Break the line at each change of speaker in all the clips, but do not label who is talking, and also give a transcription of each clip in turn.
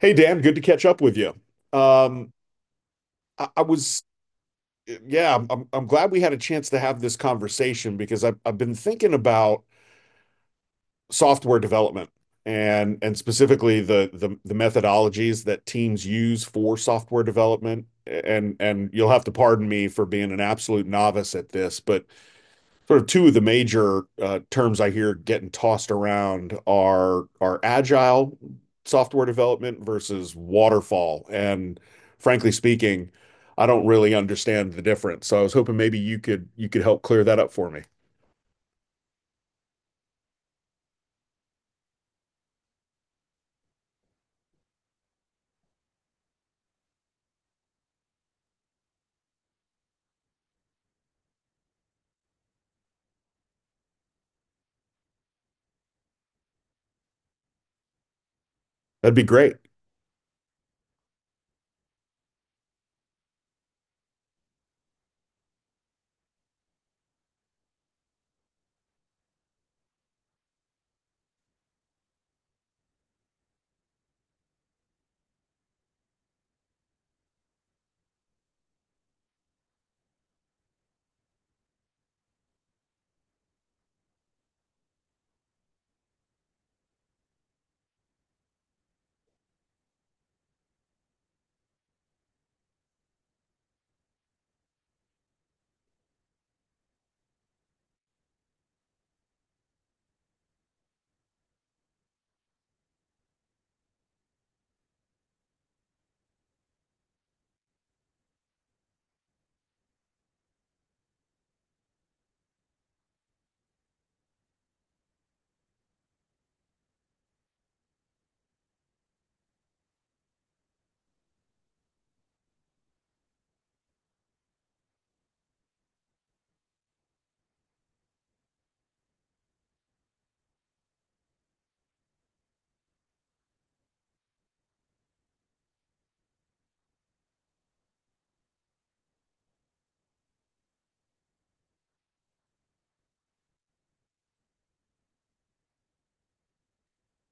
Hey Dan, good to catch up with you. Um, I was, yeah, I'm glad we had a chance to have this conversation because I've been thinking about software development, and specifically the methodologies that teams use for software development. And you'll have to pardon me for being an absolute novice at this, but sort of two of the major terms I hear getting tossed around are agile software development versus waterfall. And frankly speaking, I don't really understand the difference. So I was hoping maybe you could help clear that up for me. That'd be great.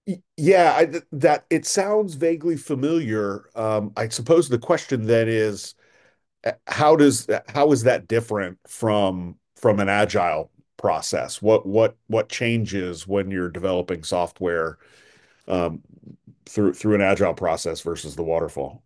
Yeah, that it sounds vaguely familiar. I suppose the question then is, how is that different from an agile process? What changes when you're developing software um, through an agile process versus the waterfall?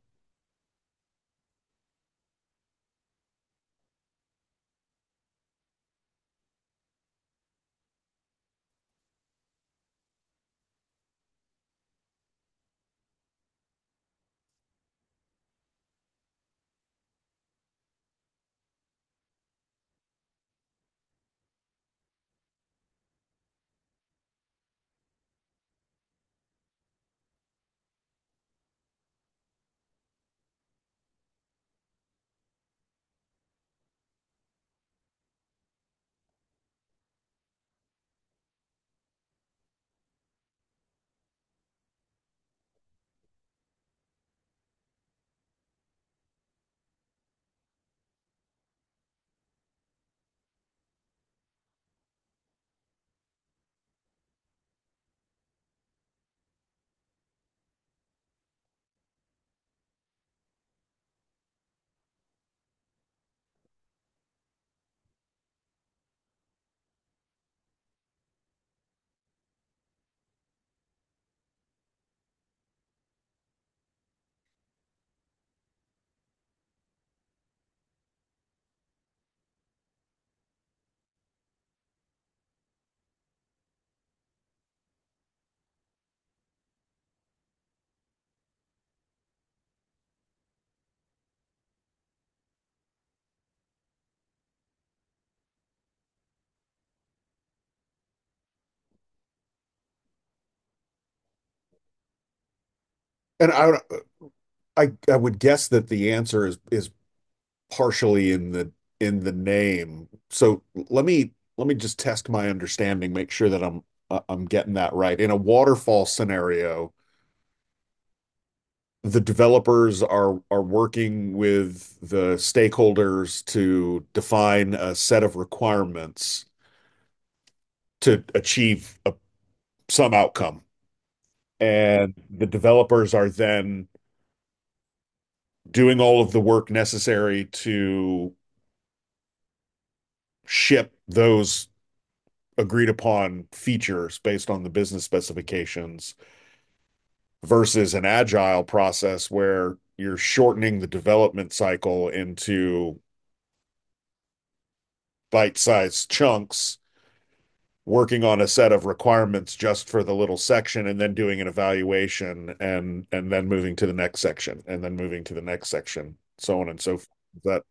And I would guess that the answer is partially in the name. So let me just test my understanding, make sure that I'm getting that right. In a waterfall scenario, the developers are working with the stakeholders to define a set of requirements to achieve a, some outcome. And the developers are then doing all of the work necessary to ship those agreed upon features based on the business specifications versus an agile process where you're shortening the development cycle into bite-sized chunks, working on a set of requirements just for the little section, and then doing an evaluation, and then moving to the next section, and then moving to the next section, so on and so forth. that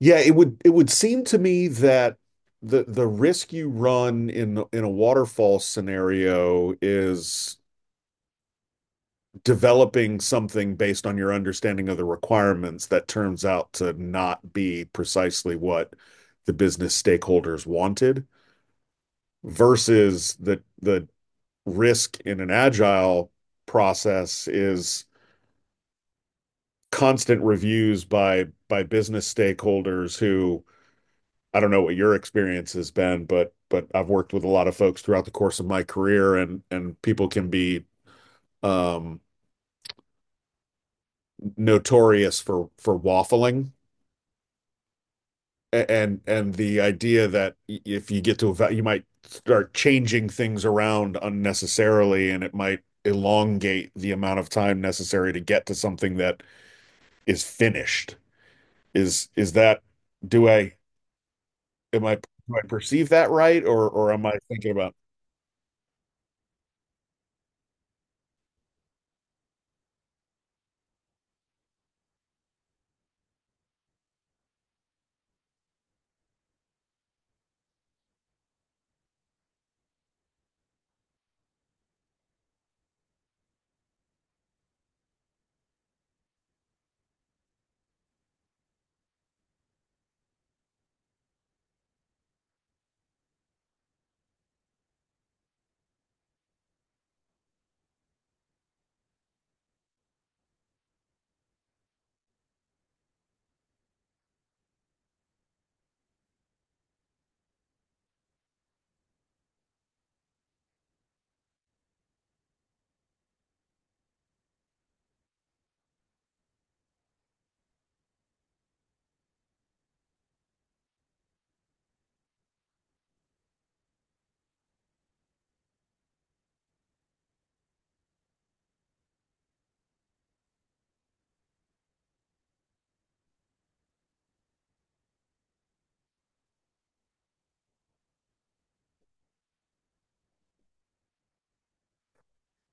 yeah it would, it would seem to me that the risk you run in a waterfall scenario is developing something based on your understanding of the requirements that turns out to not be precisely what the business stakeholders wanted versus the risk in an agile process is constant reviews by business stakeholders. Who, I don't know what your experience has been, but I've worked with a lot of folks throughout the course of my career, and people can be um notorious for waffling, and the idea that if you get to you might start changing things around unnecessarily, and it might elongate the amount of time necessary to get to something that is finished. Is that do I am I do I perceive that right, or am I thinking about,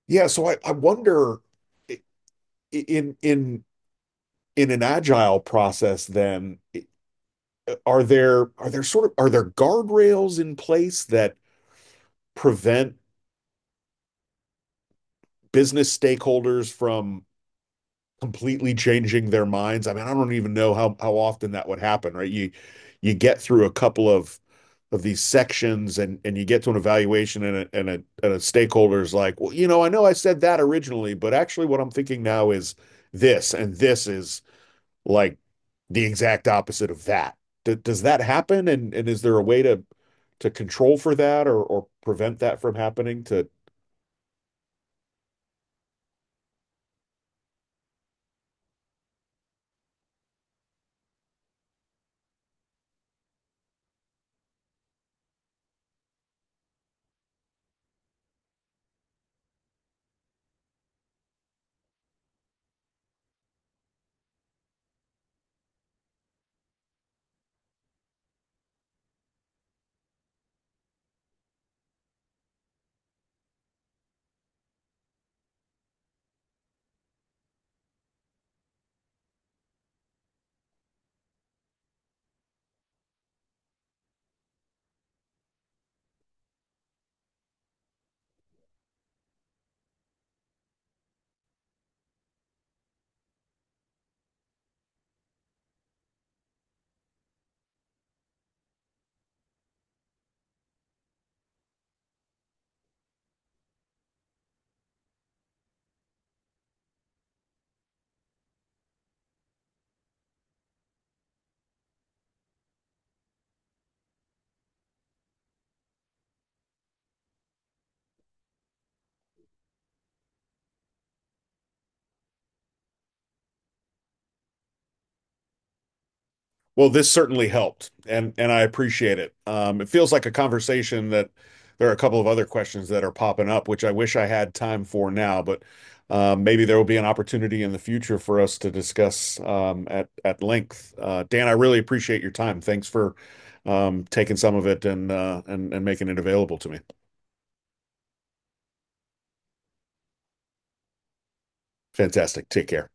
yeah, so I wonder, i- in in an agile process, are there, are there sort of, are there guardrails in place that prevent business stakeholders from completely changing their minds? I mean, I don't even know how often that would happen, right? You get through a couple of these sections and you get to an evaluation, and a stakeholder's like, well, you know I said that originally, but actually what I'm thinking now is this, and this is like the exact opposite of that. D Does that happen? And is there a way to control for that, or prevent that from happening to, well, this certainly helped, and I appreciate it. It feels like a conversation that there are a couple of other questions that are popping up, which I wish I had time for now, but maybe there will be an opportunity in the future for us to discuss, at length. Dan, I really appreciate your time. Thanks for taking some of it and making it available to me. Fantastic. Take care.